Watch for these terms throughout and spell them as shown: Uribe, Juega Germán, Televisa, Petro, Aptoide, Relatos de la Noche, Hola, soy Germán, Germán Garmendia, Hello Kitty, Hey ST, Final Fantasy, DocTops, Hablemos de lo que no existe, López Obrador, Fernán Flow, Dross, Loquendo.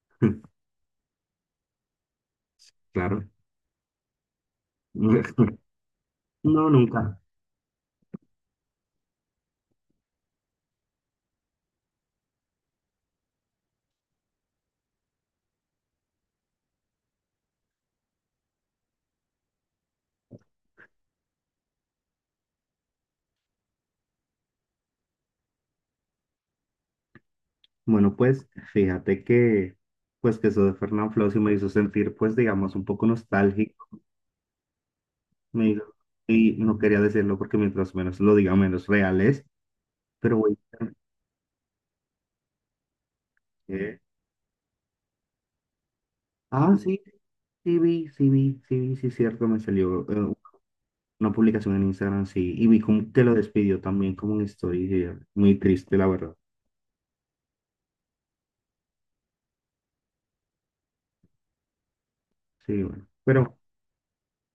Claro. No, nunca. Bueno, pues fíjate que, pues que eso de Fernán Flow sí me hizo sentir, pues digamos, un poco nostálgico. Me hizo- y no quería decirlo porque mientras menos lo diga, menos real es. Pero voy a eh, Ah, sí, sí vi, sí es cierto, me salió una publicación en Instagram, sí. Y vi como que lo despidió también como una historia. Muy triste, la verdad. Sí, bueno. Pero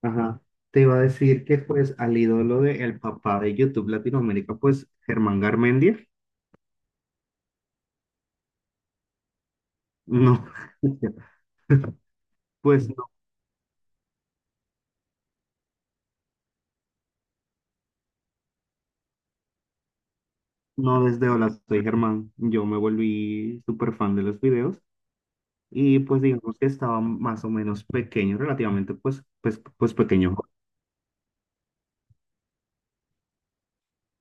ajá. Te iba a decir que pues al ídolo de el papá de YouTube Latinoamérica, pues Germán Garmendia. No, pues no, no desde Hola, soy Germán, yo me volví súper fan de los videos y pues digamos que estaba más o menos pequeño, relativamente pues pequeño.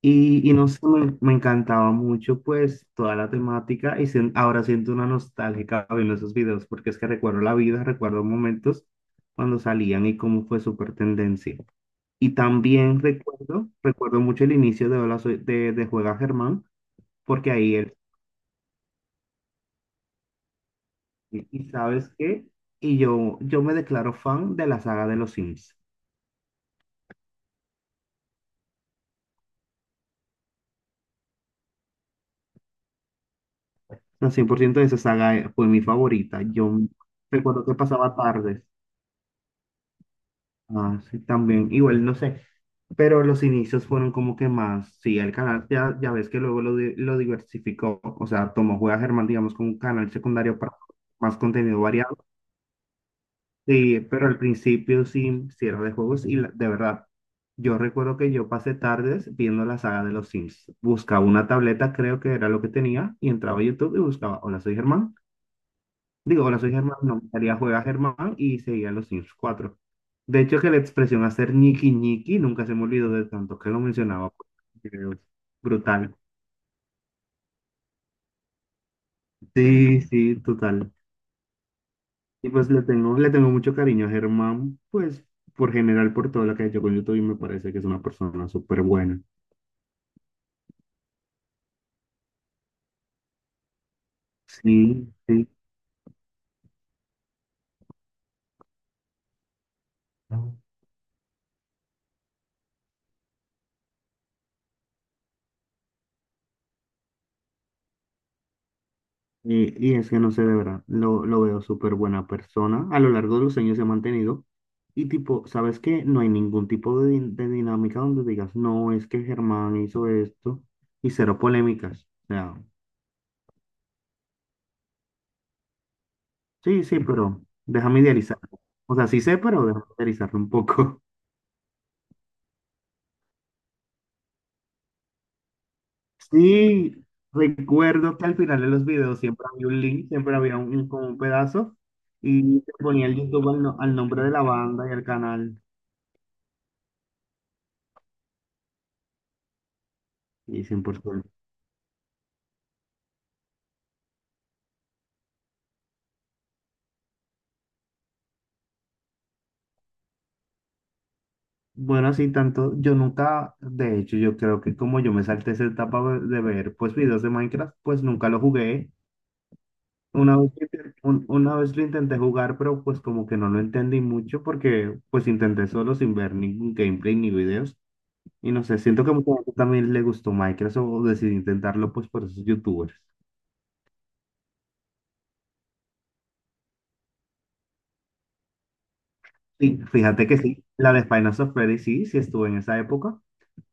Y no sé, me encantaba mucho pues toda la temática y ahora siento una nostálgica viendo esos videos porque es que recuerdo la vida, recuerdo momentos cuando salían y cómo fue súper tendencia. Y también recuerdo mucho el inicio de de Juega Germán, porque ahí él, y y sabes qué, y yo me declaro fan de la saga de los Sims. La 100% de esa saga fue mi favorita. Recuerdo que pasaba tardes. Ah, sí, también, igual, no sé. Pero los inicios fueron como que más, sí, el canal ya, ya ves que luego lo diversificó, o sea, tomó Juega Germán, digamos, como un canal secundario para más contenido variado. Sí, pero al principio sí, sí era de juegos de verdad, yo recuerdo que yo pasé tardes viendo la saga de los Sims. Buscaba una tableta, creo que era lo que tenía, y entraba a YouTube y buscaba, hola, soy Germán. Digo, hola, soy Germán, no, me salía juega Germán y seguía los Sims 4. De hecho, que la expresión hacer ñiqui ñiqui nunca se me olvidó de tanto que lo mencionaba. Porque es brutal. Sí, sí, total. Y pues le tengo mucho cariño a Germán, pues por general, por todo lo que ha hecho con YouTube, y me parece que es una persona súper buena. Sí, sí. Y es que no sé, de verdad, lo veo súper buena persona. A lo largo de los años se ha mantenido. Y tipo, ¿sabes qué? No hay ningún tipo de, de dinámica donde digas, no, es que Germán hizo esto y cero polémicas. O sea, sí, sí, pero déjame idealizar. O sea, sí sé, pero déjame idealizarlo un poco. Sí, recuerdo que al final de los videos siempre había un link, siempre había como un pedazo y se ponía el YouTube al, no- al nombre de la banda y al canal y 100%. Bueno, así tanto, yo nunca, de hecho, yo creo que como yo me salté esa etapa de ver pues videos de Minecraft, pues nunca lo jugué. Una vez lo intenté jugar, pero pues como que no lo entendí mucho porque pues intenté solo sin ver ningún gameplay ni videos. Y no sé, siento que a mucha gente también le gustó Minecraft o decidió intentarlo pues por esos youtubers. Sí, fíjate que sí, la de Final of Freddy sí, sí estuve en esa época.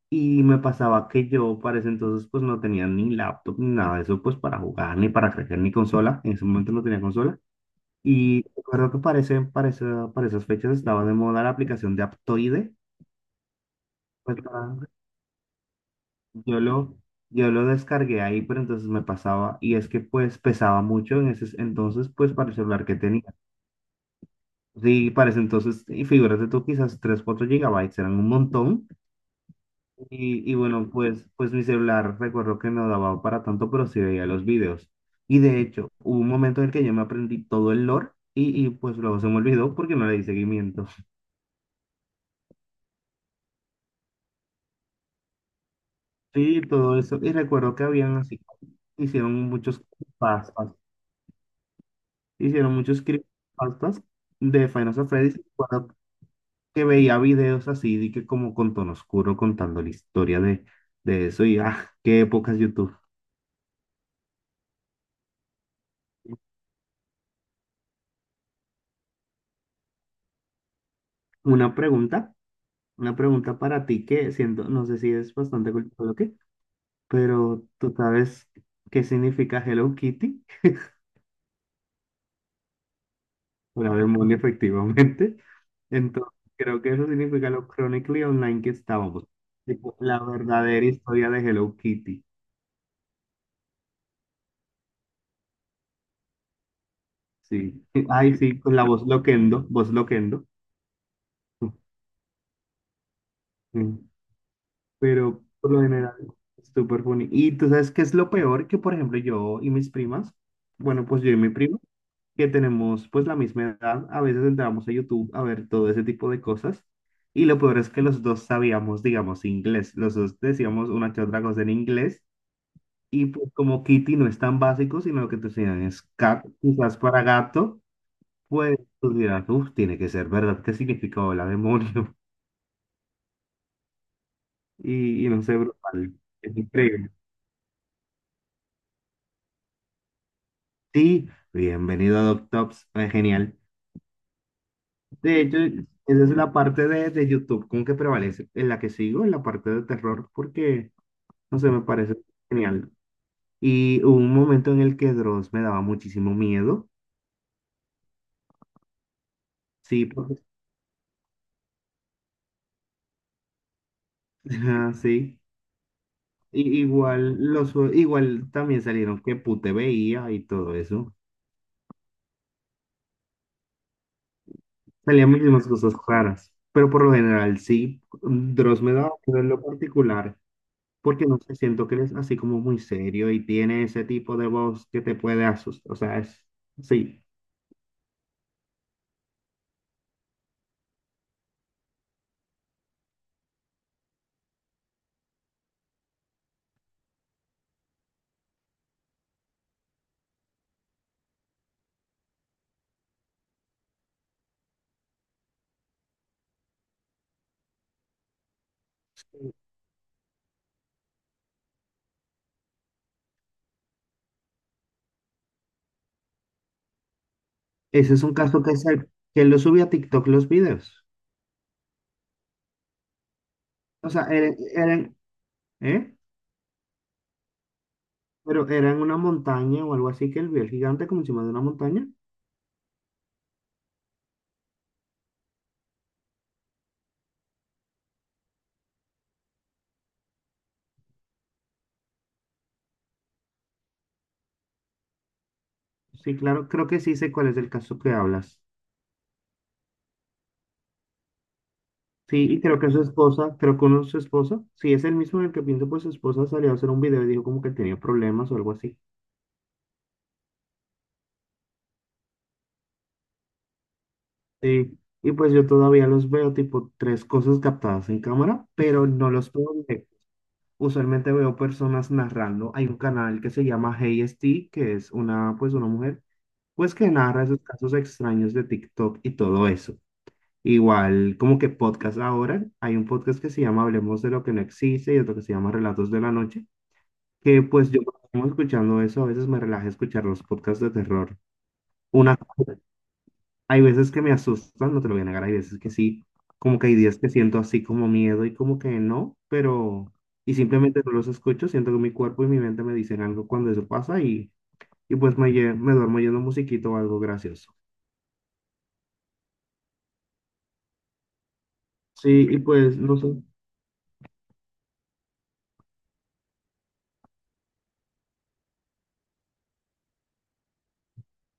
Y me pasaba que yo para ese entonces pues no tenía ni laptop ni nada de eso pues para jugar, ni para crecer, ni consola. En ese momento no tenía consola. Y recuerdo que para, para esas fechas estaba de moda la aplicación de Aptoide. Pues para- yo lo, yo lo descargué ahí, pero entonces me pasaba. Y es que pues pesaba mucho en ese entonces pues para el celular que tenía. Sí, parece entonces, y figúrate tú, quizás 3, 4 gigabytes eran un montón. Y bueno, pues mi celular recuerdo que no daba para tanto, pero sí veía los videos. Y de hecho, hubo un momento en el que yo me aprendí todo el lore y pues luego se me olvidó porque no le di seguimiento. Sí, todo eso. Y recuerdo que habían así, hicieron muchos pastas, hicieron muchos creepypastas de Final Fantasy. Que veía videos así, de que como con tono oscuro contando la historia de eso y ah, qué épocas YouTube. Una pregunta, una pregunta para ti que siento, no sé si es bastante cultural o qué, pero tú sabes qué significa Hello Kitty, una demonio efectivamente. Entonces, creo que eso significa lo chronically online que estábamos. Tipo, la verdadera historia de Hello Kitty. Sí. Ay, sí, con la voz Loquendo, voz Loquendo. Pero por lo general, súper funny. Y tú sabes qué es lo peor que, por ejemplo, yo y mis primas, bueno, pues yo y mi primo, que tenemos pues la misma edad, a veces entramos a YouTube a ver todo ese tipo de cosas. Y lo peor es que los dos sabíamos, digamos, inglés. Los dos decíamos una que otra cosa en inglés. Y pues como Kitty no es tan básico, sino lo que te enseñan es cat, quizás para gato, pues tú dirás, uff, tiene que ser verdad, ¿qué significa hola, demonio? Y no sé, brutal. Es increíble. Sí, bienvenido a DocTops, es genial. De hecho, esa es la parte de YouTube como que prevalece, en la que sigo, en la parte de terror, porque, no sé, me parece genial. Y hubo un momento en el que Dross me daba muchísimo miedo, sí, porque, ajá, sí. Y igual, los, igual también salieron que pute veía y todo eso. Salían muchísimas cosas raras, pero por lo general sí, Dross me daba miedo en lo particular. Porque no sé, siento que eres así como muy serio y tiene ese tipo de voz que te puede asustar. O sea, es, sí, ese es un caso que es el que él lo subió a TikTok los videos. O sea, ¿eh? Pero era en una montaña o algo así que él vio el gigante como encima de una montaña. Sí, claro, creo que sí sé cuál es el caso que hablas. Sí, y creo que su esposa, creo que uno su esposa, sí, es el mismo en el que pienso, pues su esposa salió a hacer un video y dijo como que tenía problemas o algo así. Sí, y pues yo todavía los veo tipo tres cosas captadas en cámara, pero no los puedo ver. Usualmente veo personas narrando. Hay un canal que se llama Hey ST, que es una, pues una mujer, pues que narra esos casos extraños de TikTok y todo eso. Igual, como que podcast ahora, hay un podcast que se llama Hablemos de lo que no existe y otro que se llama Relatos de la Noche, que pues yo como escuchando eso, a veces me relaja escuchar los podcasts de terror. Una hay veces que me asustan, no te lo voy a negar, hay veces que sí, como que hay días que siento así como miedo y como que no, pero y simplemente no los escucho, siento que mi cuerpo y mi mente me dicen algo cuando eso pasa y pues me, me duermo oyendo musiquito o algo gracioso. Sí, y pues no sé.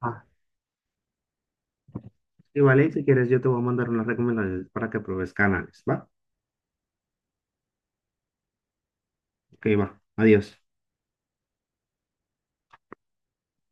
Ah, y vale, si quieres yo te voy a mandar unas recomendaciones para que pruebes canales, ¿va? Ok, va. Adiós.